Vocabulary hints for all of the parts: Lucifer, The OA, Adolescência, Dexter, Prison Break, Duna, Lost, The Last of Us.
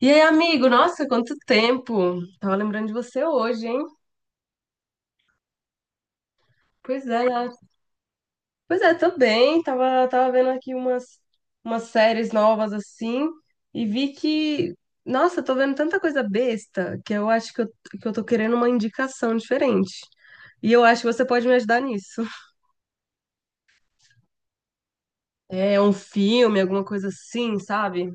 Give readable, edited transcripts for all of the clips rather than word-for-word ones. E aí, amigo? Nossa, quanto tempo! Tava lembrando de você hoje, hein? Pois é, pois é, tô bem. Tava vendo aqui umas, umas séries novas assim e vi que, nossa, tô vendo tanta coisa besta que eu acho que eu tô querendo uma indicação diferente. E eu acho que você pode me ajudar nisso. É um filme, alguma coisa assim, sabe?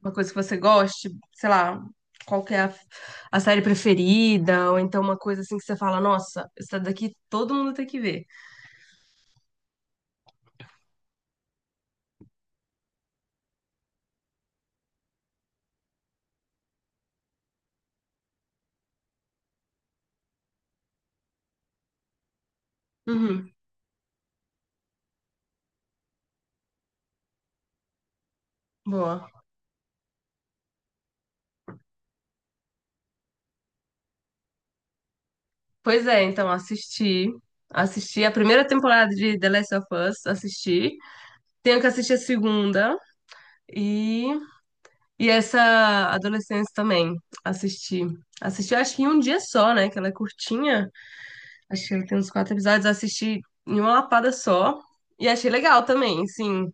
Uma coisa que você goste, sei lá, qual que é a série preferida, ou então uma coisa assim que você fala, nossa, essa daqui todo mundo tem que ver. Uhum, boa. Pois é, então assisti. Assisti a primeira temporada de The Last of Us, assisti. Tenho que assistir a segunda e, e essa Adolescência também, assisti. Assisti, eu acho que em um dia só, né? Que ela é curtinha. Acho que ela tem uns quatro episódios. Assisti em uma lapada só. E achei legal também, sim.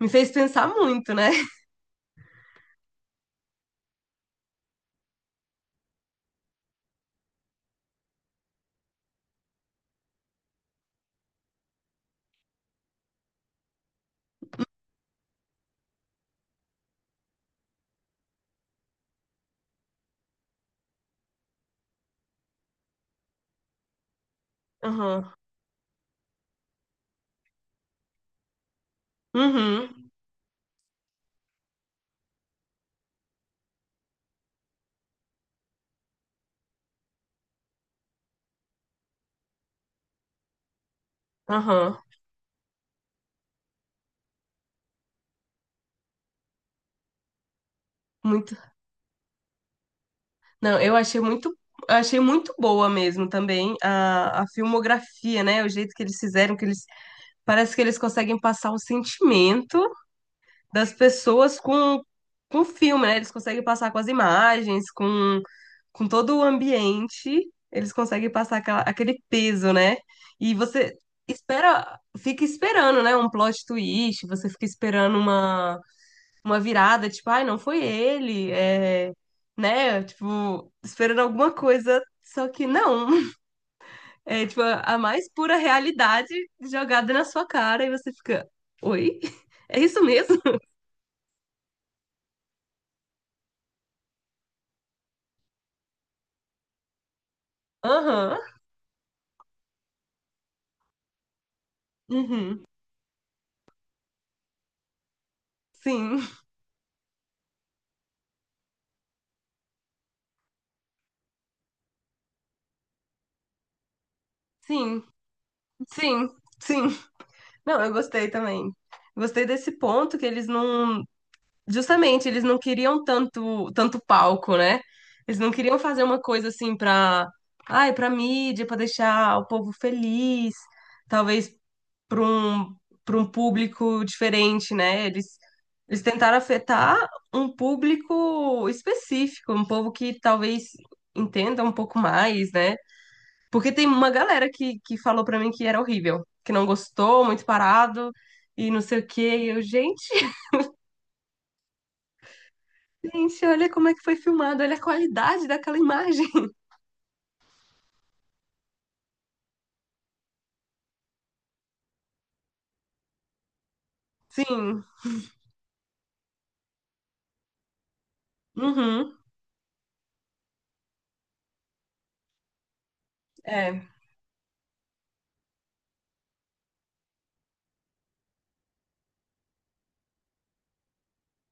Me fez pensar muito, né? Aham. Uhum. Aham. Muito. Não, eu achei muito boa mesmo também a filmografia, né? O jeito que eles fizeram, que eles parece que eles conseguem passar o sentimento das pessoas com o filme, né? Eles conseguem passar com as imagens, com todo o ambiente, eles conseguem passar aquele peso, né? E você espera, fica esperando, né? Um plot twist, você fica esperando uma virada, tipo, ai, não foi ele, é, né? Tipo, esperando alguma coisa, só que não. É tipo a mais pura realidade jogada na sua cara e você fica, oi? É isso mesmo? Aham. Uhum. Sim, sim, sim, sim. Não, eu gostei também. Gostei desse ponto que eles não, justamente, eles não queriam tanto, tanto palco, né? Eles não queriam fazer uma coisa assim pra, ai, pra mídia, pra deixar o povo feliz, talvez pra um, para um público diferente, né? Eles tentaram afetar um público específico, um povo que talvez entenda um pouco mais, né? Porque tem uma galera que falou pra mim que era horrível, que não gostou, muito parado e não sei o quê. E eu, gente. Gente, olha como é que foi filmado, olha a qualidade daquela imagem. Sim, uhum, é,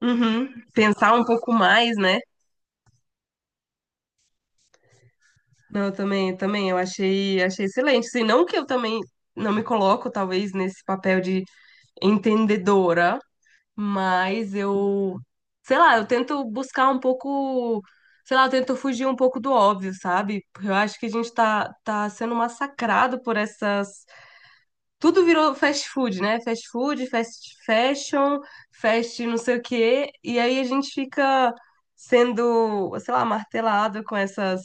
uhum. Pensar um pouco mais, né? Não, eu também, eu também, eu achei, achei excelente. Assim, não que eu também não me coloco, talvez, nesse papel de entendedora, mas eu, sei lá, eu tento buscar um pouco, sei lá, eu tento fugir um pouco do óbvio, sabe? Porque eu acho que a gente tá, tá sendo massacrado por essas. Tudo virou fast food, né? Fast food, fast fashion, fast não sei o quê. E aí a gente fica sendo, sei lá, martelado com essas,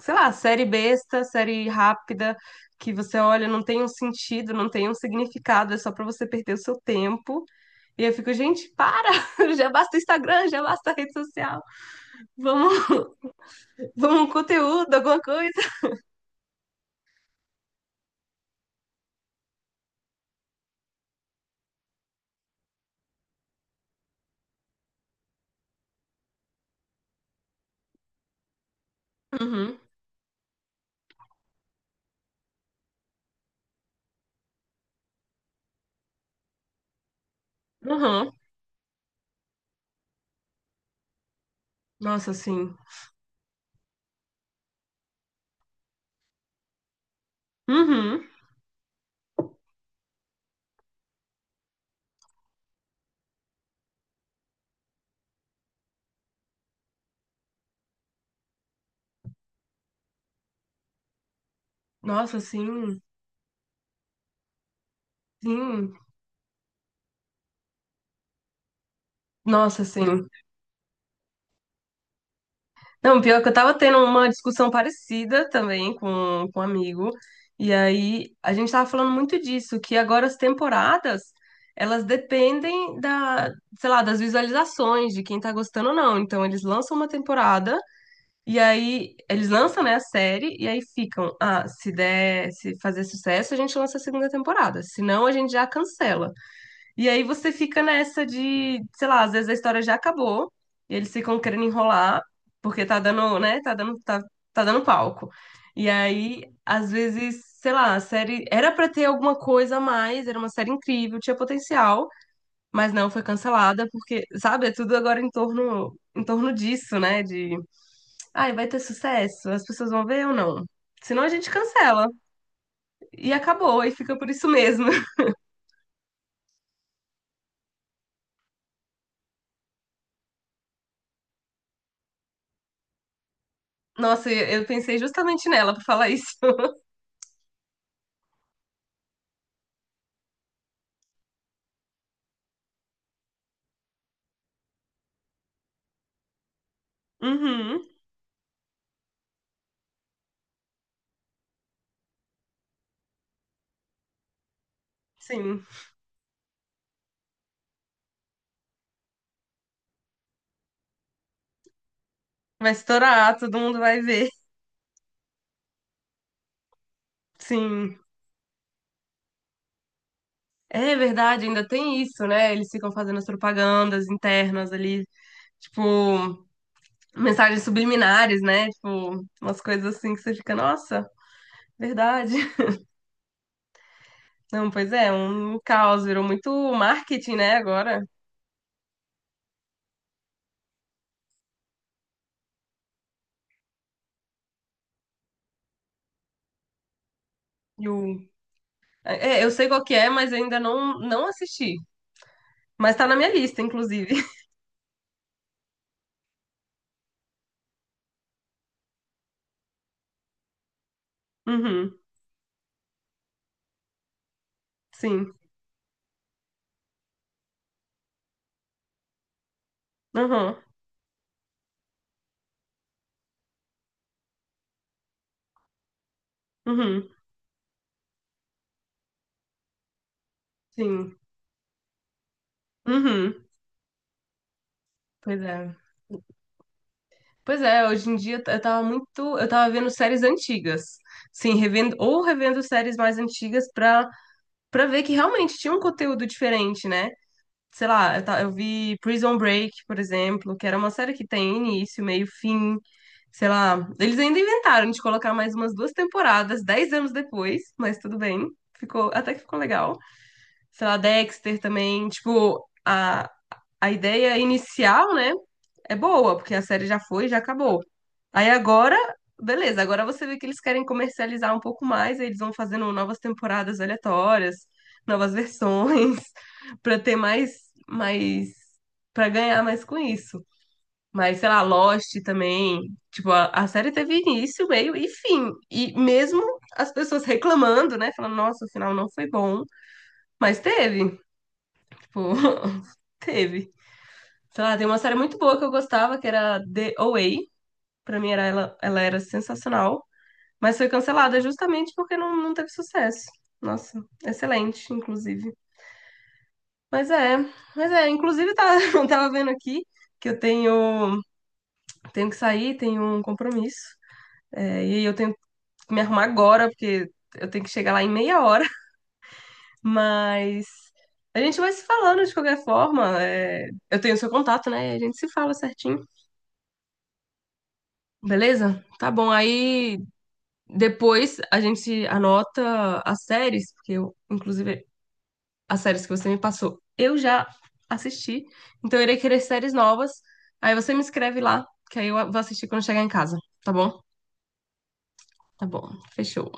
sei lá, série besta, série rápida, que você olha, não tem um sentido, não tem um significado, é só pra você perder o seu tempo. E eu fico, gente, para! Já basta o Instagram, já basta a rede social. Vamos, vamos um conteúdo, alguma coisa. Uhum, uhum. Nossa, sim. Uhum. Nossa, sim. Sim. Nossa, sim. Não, pior é que eu tava tendo uma discussão parecida também com um amigo, e aí a gente tava falando muito disso, que agora as temporadas, elas dependem da, sei lá, das visualizações, de quem tá gostando ou não. Então eles lançam uma temporada, e aí eles lançam, né, a série, e aí ficam, ah, se der, se fazer sucesso, a gente lança a segunda temporada, se não a gente já cancela. E aí você fica nessa de, sei lá, às vezes a história já acabou, e eles ficam querendo enrolar, porque tá dando, né? Tá dando, tá, tá dando palco. E aí, às vezes, sei lá, a série era pra ter alguma coisa a mais, era uma série incrível, tinha potencial, mas não foi cancelada, porque, sabe, é tudo agora em torno disso, né? De, ai, vai ter sucesso, as pessoas vão ver ou não? Senão a gente cancela. E acabou, e fica por isso mesmo. Nossa, eu pensei justamente nela pra falar isso. Uhum. Sim, vai estourar, todo mundo vai ver. Sim. É verdade, ainda tem isso, né? Eles ficam fazendo as propagandas internas ali, tipo, mensagens subliminares, né? Tipo, umas coisas assim que você fica, nossa, verdade. Não, pois é, um caos, virou muito marketing, né, agora. E o... É, eu sei qual que é, mas eu ainda não, não assisti. Mas tá na minha lista, inclusive. Uhum, sim. Uhum, uhum, sim. Uhum, pois é. Pois é, hoje em dia eu tava muito, eu tava vendo séries antigas. Sim, revendo ou revendo séries mais antigas pra para ver que realmente tinha um conteúdo diferente, né? Sei lá, eu, eu vi Prison Break, por exemplo, que era uma série que tem início, meio, fim, sei lá. Eles ainda inventaram de colocar mais umas duas temporadas, dez anos depois, mas tudo bem. Ficou, até que ficou legal. Sei lá, Dexter também, tipo, a ideia inicial, né, é boa, porque a série já foi, já acabou. Aí agora, beleza, agora você vê que eles querem comercializar um pouco mais, aí eles vão fazendo novas temporadas aleatórias, novas versões, pra ter mais, mais, para ganhar mais com isso. Mas, sei lá, Lost também. Tipo, a série teve início, meio e fim. E mesmo as pessoas reclamando, né? Falando, nossa, o final não foi bom. Mas teve. Tipo, teve. Sei lá, tem uma série muito boa que eu gostava, que era The OA. Pra mim era ela, ela era sensacional, mas foi cancelada justamente porque não, não teve sucesso. Nossa, excelente, inclusive. Mas é, mas é, inclusive tá, eu tava vendo aqui que eu tenho, tenho que sair, tenho um compromisso. É, e eu tenho que me arrumar agora, porque eu tenho que chegar lá em meia hora. Mas a gente vai se falando de qualquer forma. É, eu tenho o seu contato, né? E a gente se fala certinho. Beleza? Tá bom. Aí depois a gente anota as séries, porque eu, inclusive, as séries que você me passou, eu já assisti. Então eu irei querer séries novas. Aí você me escreve lá, que aí eu vou assistir quando chegar em casa. Tá bom? Tá bom. Fechou.